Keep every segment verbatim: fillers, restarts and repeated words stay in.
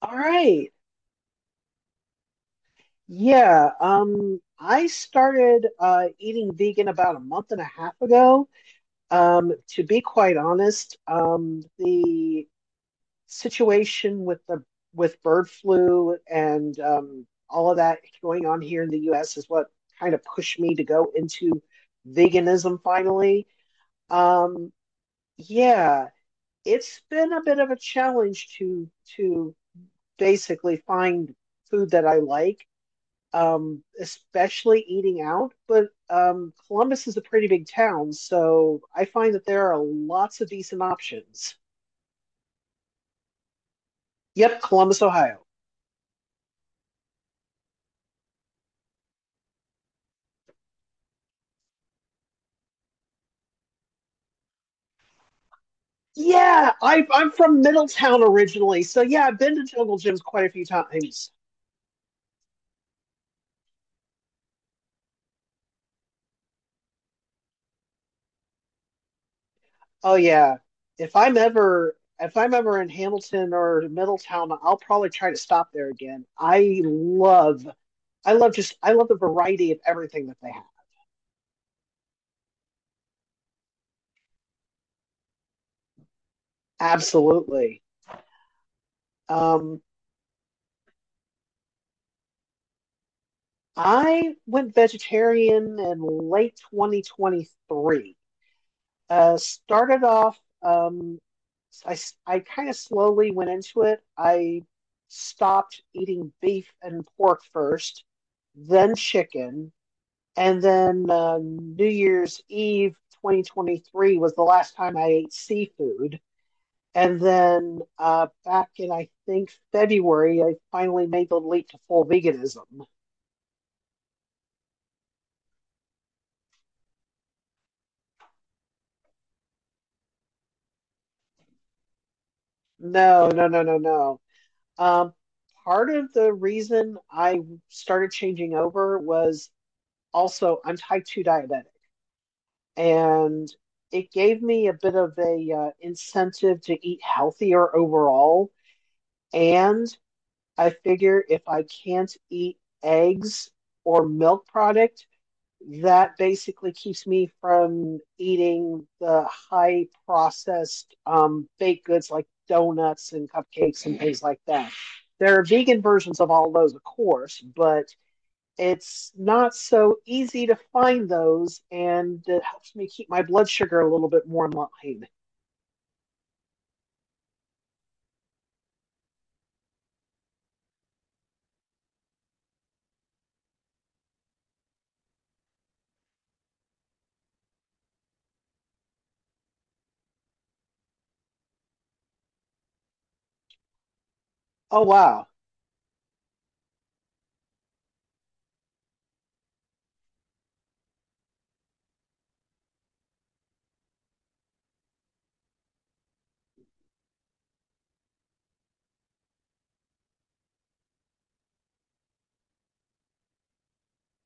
All right. Yeah. Um, I started uh, eating vegan about a month and a half ago. Um, to be quite honest, um, the situation with the with bird flu and um, all of that going on here in the U S is what kind of pushed me to go into veganism finally. Um, yeah, it's been a bit of a challenge to to basically find food that I like, um, especially eating out. But um, Columbus is a pretty big town, so I find that there are lots of decent options. Yep, Columbus, Ohio. Yeah, I, I'm from Middletown originally, so yeah, I've been to Jungle Gyms quite a few times. Oh yeah, if I'm ever if I'm ever in Hamilton or Middletown, I'll probably try to stop there again. I love I love just I love the variety of everything that they have. Absolutely. Um, I went vegetarian in late twenty twenty-three. Uh, started off, um, I, I kind of slowly went into it. I stopped eating beef and pork first, then chicken, and then uh, New Year's Eve twenty twenty-three was the last time I ate seafood. And then uh, back in, I think, February, I finally made the leap to full veganism. No, no, no, no, no. Um, Part of the reason I started changing over was also I'm type two diabetic, and it gave me a bit of a uh, incentive to eat healthier overall. And I figure if I can't eat eggs or milk product, that basically keeps me from eating the high processed um, baked goods like donuts and cupcakes and things like that. There are vegan versions of all those, of course, but it's not so easy to find those, and it helps me keep my blood sugar a little bit more in line. Oh, wow.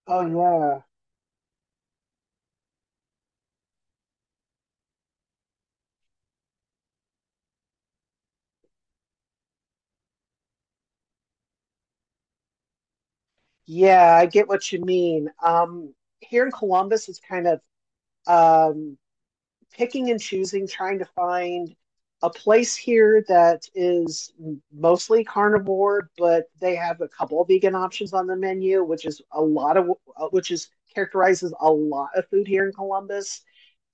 Oh, yeah. Yeah, I get what you mean. Um, here in Columbus, it's kind of um, picking and choosing, trying to find a place here that is mostly carnivore, but they have a couple of vegan options on the menu, which is a lot of uh, which is characterizes a lot of food here in Columbus.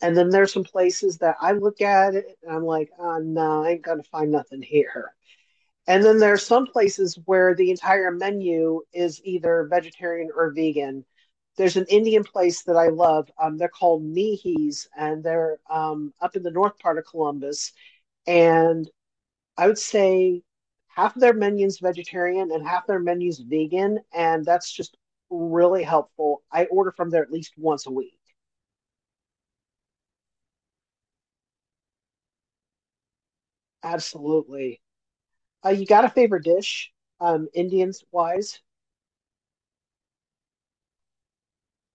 And then there's some places that I look at it and I'm like, oh, no, I ain't gonna find nothing here. And then there are some places where the entire menu is either vegetarian or vegan. There's an Indian place that I love. Um, they're called Nihis, and they're um, up in the north part of Columbus. And I would say half of their menus vegetarian and half their menus vegan, and that's just really helpful. I order from there at least once a week. Absolutely. Uh, you got a favorite dish, um, Indians wise?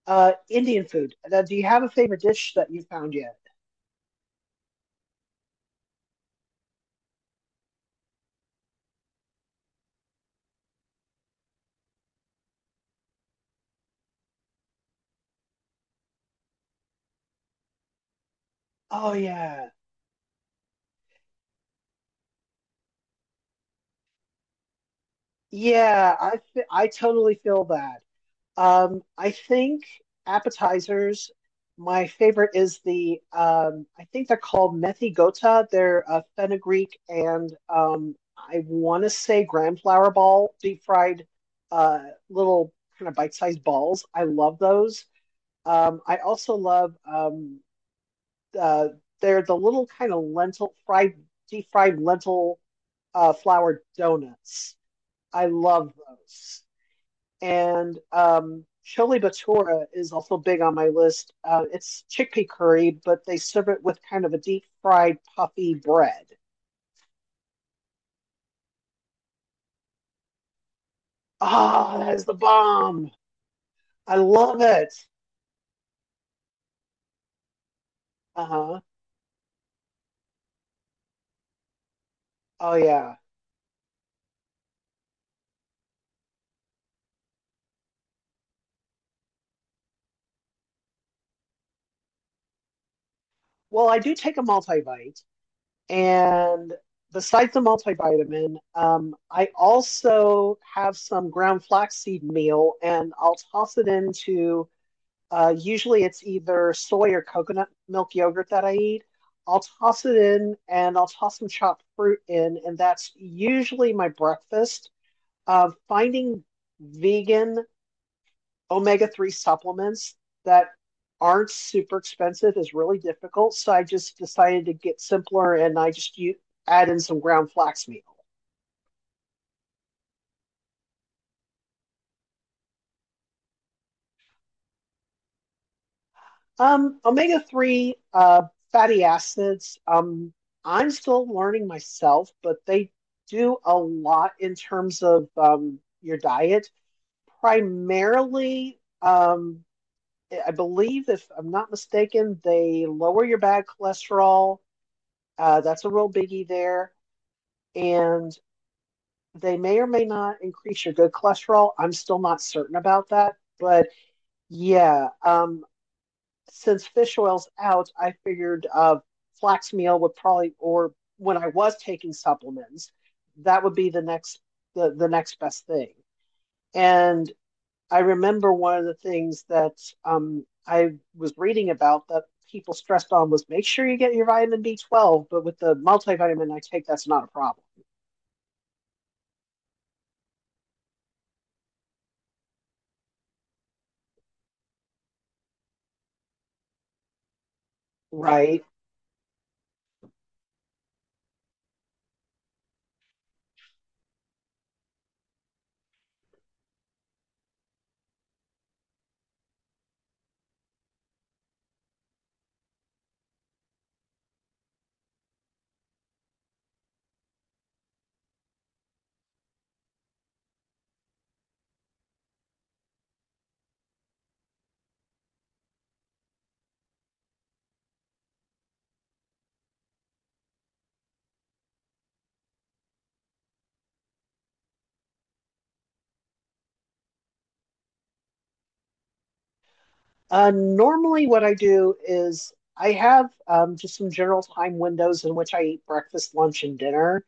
Uh, Indian food. Uh, do you have a favorite dish that you found yet? Oh yeah. Yeah, I fe- I totally feel that. Um, I think appetizers, my favorite is the um, I think they're called methi gota. They're uh, fenugreek and um, I want to say gram flour ball, deep fried uh, little kind of bite-sized balls. I love those. Um, I also love um, uh, they're the little kind of lentil fried, deep fried lentil uh, flour donuts. I love those. And um, chili batura is also big on my list. Uh, it's chickpea curry, but they serve it with kind of a deep fried puffy bread. Ah, that is the bomb. I love it. Uh huh. Oh yeah. Well, I do take a multivite, and besides the multivitamin, um, I also have some ground flaxseed meal, and I'll toss it into. Uh, usually, it's either soy or coconut milk yogurt that I eat. I'll toss it in, and I'll toss some chopped fruit in, and that's usually my breakfast. Uh, finding vegan omega three supplements that aren't super expensive is really difficult. So I just decided to get simpler and I just u- add in some ground flax meal. Um, omega three uh, fatty acids, um, I'm still learning myself, but they do a lot in terms of um, your diet. Primarily, um, I believe, if I'm not mistaken, they lower your bad cholesterol. Uh, that's a real biggie there. And they may or may not increase your good cholesterol. I'm still not certain about that. But yeah, um, since fish oil's out, I figured uh, flax meal would probably, or when I was taking supplements, that would be the next the, the next best thing. And I remember one of the things that um, I was reading about that people stressed on was make sure you get your vitamin B twelve, but with the multivitamin I take, that's not a problem, right? Uh, normally, what I do is I have um, just some general time windows in which I eat breakfast, lunch, and dinner.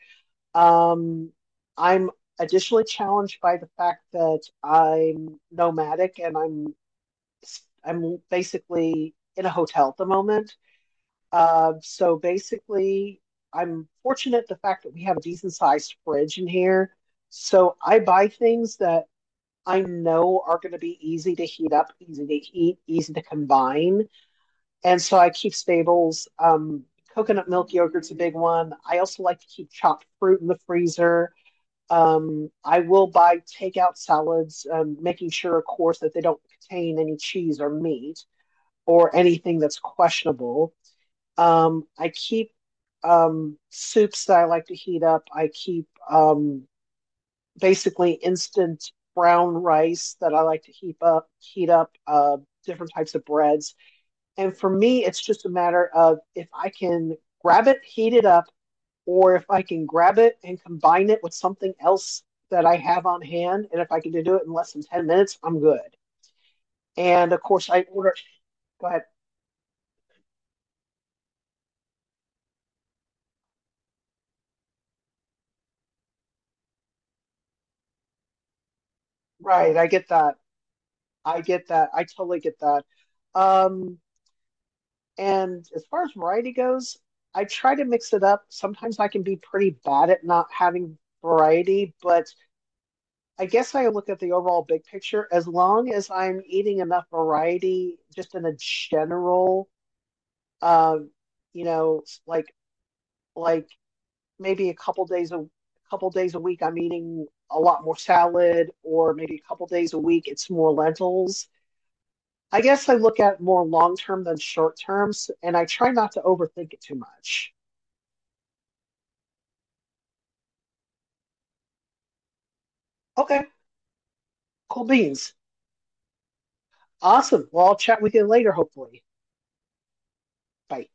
Um, I'm additionally challenged by the fact that I'm nomadic and I'm I'm basically in a hotel at the moment. Uh, so basically, I'm fortunate the fact that we have a decent sized fridge in here. So I buy things that I know are going to be easy to heat up, easy to eat, easy to combine. And so I keep staples. Um, coconut milk yogurt's a big one. I also like to keep chopped fruit in the freezer. Um, I will buy takeout salads, um, making sure, of course, that they don't contain any cheese or meat or anything that's questionable. Um, I keep um, soups that I like to heat up. I keep um, basically instant brown rice that I like to heat up, heat up uh, different types of breads. And for me, it's just a matter of if I can grab it, heat it up, or if I can grab it and combine it with something else that I have on hand. And if I can do it in less than ten minutes, I'm good. And of course, I order, go ahead. Right. I get that. I get that. I totally get that. Um, and as far as variety goes, I try to mix it up. Sometimes I can be pretty bad at not having variety, but I guess I look at the overall big picture. As long as I'm eating enough variety, just in a general, um, you know, like like maybe a couple days a a couple days a week, I'm eating a lot more salad, or maybe a couple days a week, it's more lentils. I guess I look at more long term than short terms, and I try not to overthink it too much. Okay, cool beans. Awesome. Well, I'll chat with you later, hopefully. Bye.